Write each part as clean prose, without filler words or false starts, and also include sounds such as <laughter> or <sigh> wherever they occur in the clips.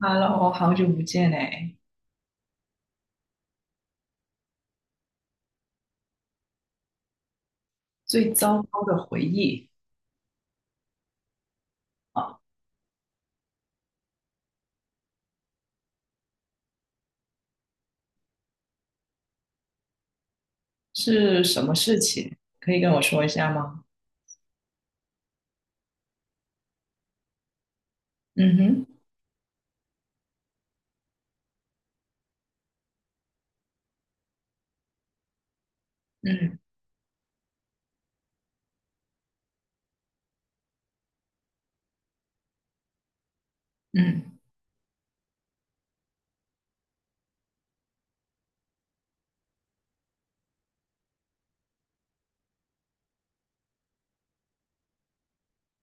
Hello，好久不见哎！最糟糕的回忆啊，是什么事情？可以跟我说一下吗？嗯哼。嗯嗯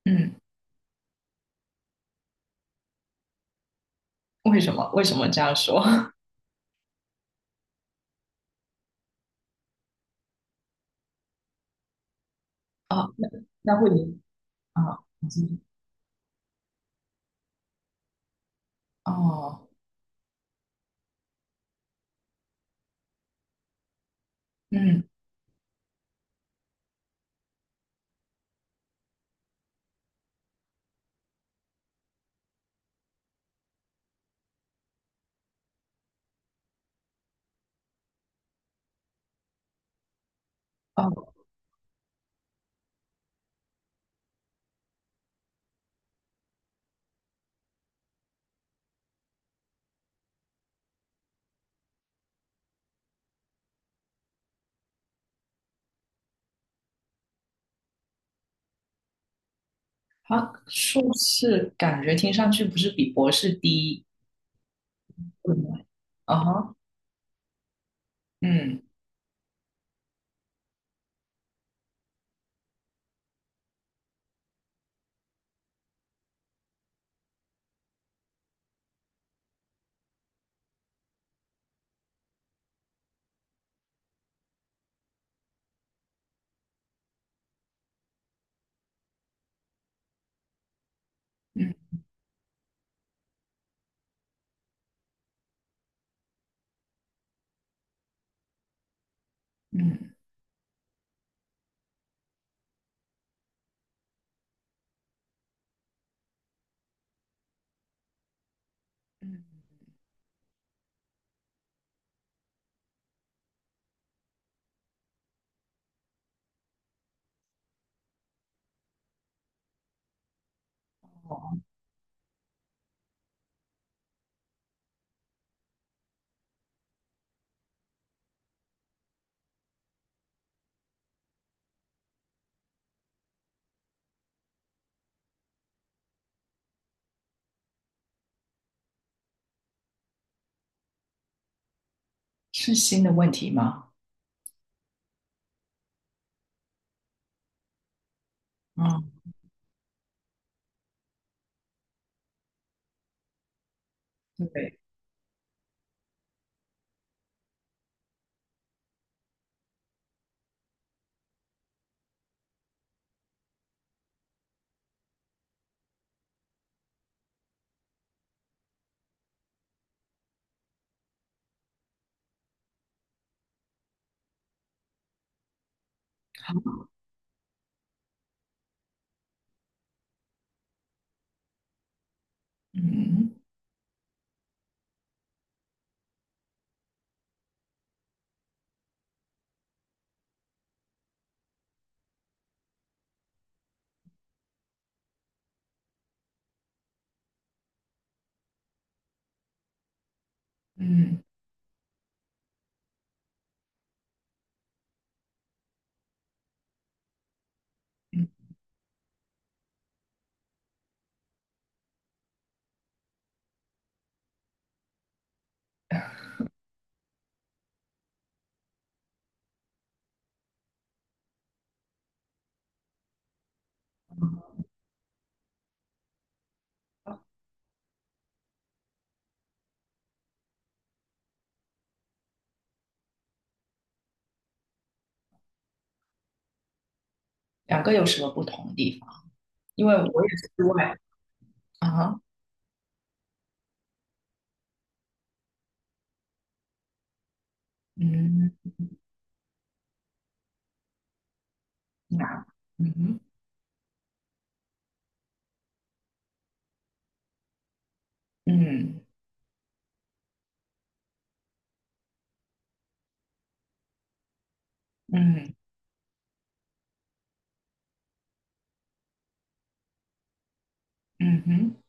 嗯。为什么？为什么这样说？<laughs> 啊，那那会你啊，你继续。哦。嗯。哦。他硕士感觉听上去不是比博士低，对吗？啊哈。嗯嗯嗯嗯。哦，是新的问题吗？嗯，对，嗯嗯。嗯两个有什么不同的地方？因为我也是外啊，嗯，那，嗯哼，嗯嗯嗯哼。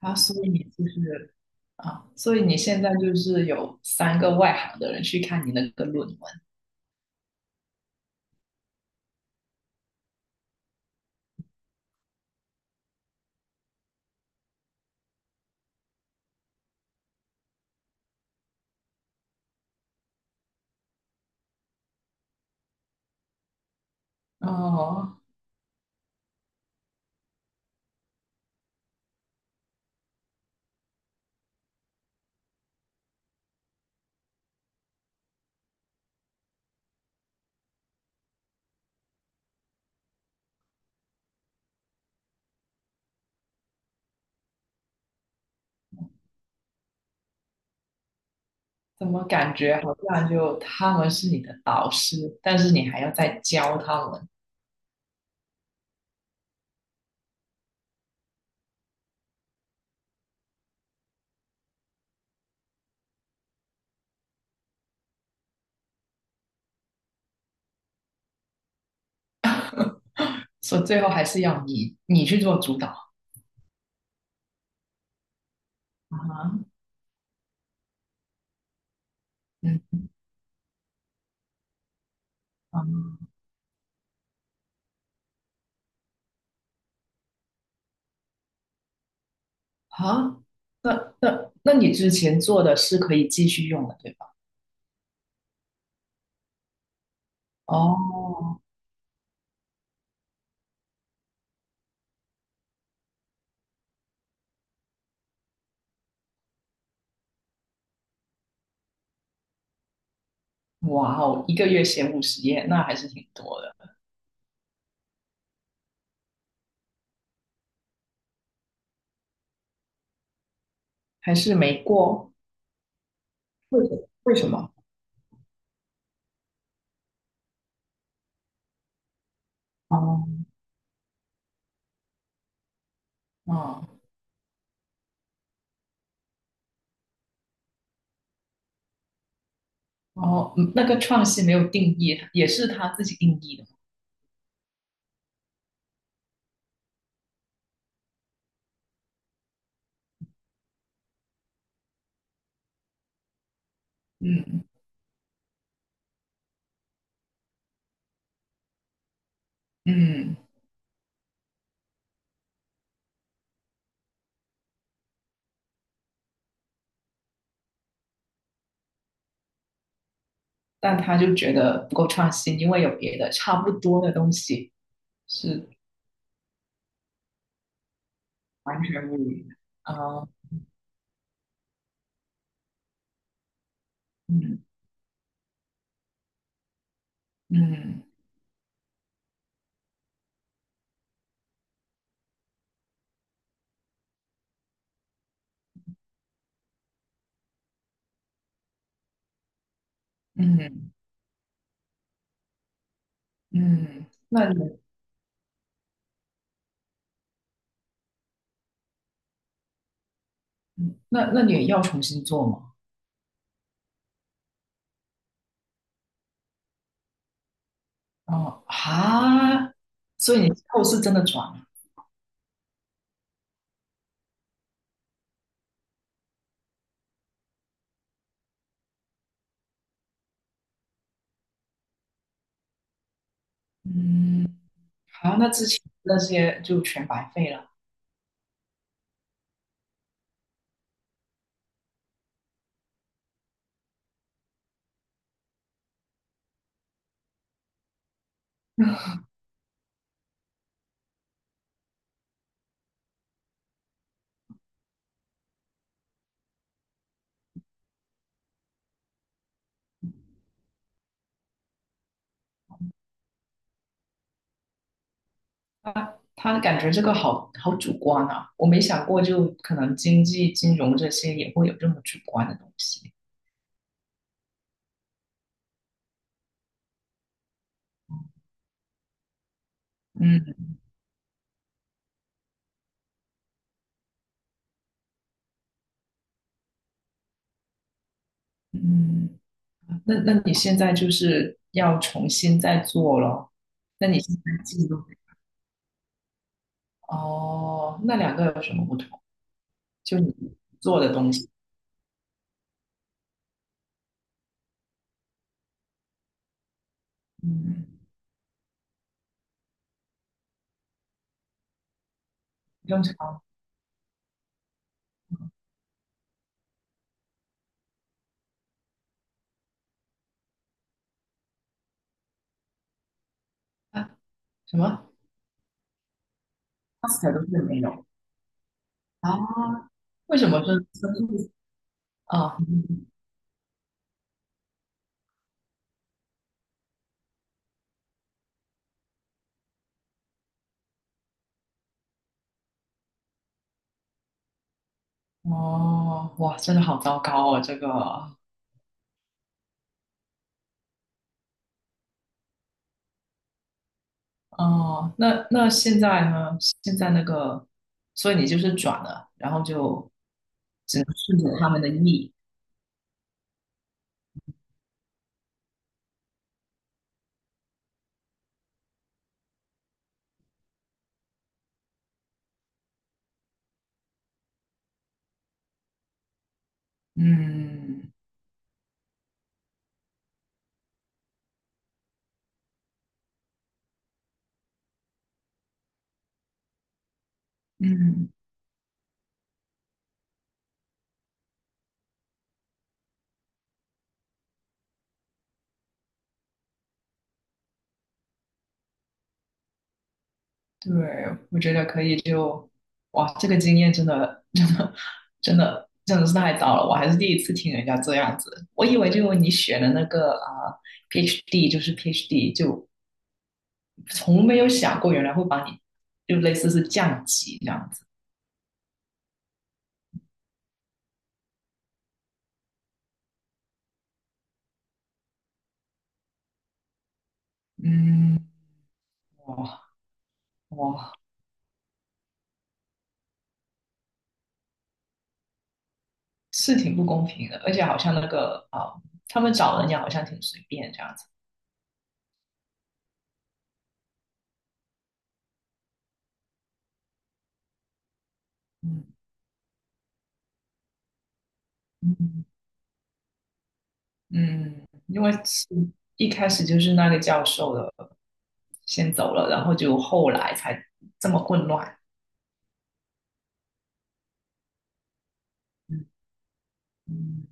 啊，所以你就是啊，所以你现在就是有三个外行的人去看你那个论文。哦，怎么感觉好像就他们是你的导师，但是你还要再教他们。所以最后还是要你去做主导。啊，嗯啊好，那你之前做的是可以继续用的，对吧？哦。哇哦，一个月写50页，那还是挺多的。还是没过。为什么？哦，哦，哦。嗯那个创新没有定义，也是他自己定义的。嗯嗯。但他就觉得不够创新，因为有别的差不多的东西是完全无语的。啊。嗯嗯嗯嗯。那你也要重新做吗？哦，哈，所以你之后是真的转了。嗯，好，那之前那些就全白费了。他感觉这个好好主观啊，我没想过，就可能经济、金融这些也会有这么主观的东西。嗯嗯。那你现在就是要重新再做咯？那你现在记录哦，那两个有什么不同？就你做的东西。嗯，正常。啊？什么 PAST 都是没有。啊？为什么是生诉？啊？哦，哇，真的好糟糕哦，这个。哦，那现在呢？现在那个，所以你就是转了，然后就只能顺着他们的意。嗯嗯，对，我觉得可以就。哇，这个经验真的 <laughs> 真的真的真的是太糟了，我还是第一次听人家这样子，我以为就你选的那个啊、PhD 就是 PhD，就从没有想过原来会把你就类似是降级这样子。嗯。哇哇，是挺不公平的，而且好像那个啊、他们找人也好像挺随便这样子。嗯嗯嗯。因为是一开始就是那个教授的先走了，然后就后来才这么混乱。嗯嗯，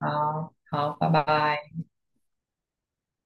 好好，拜拜。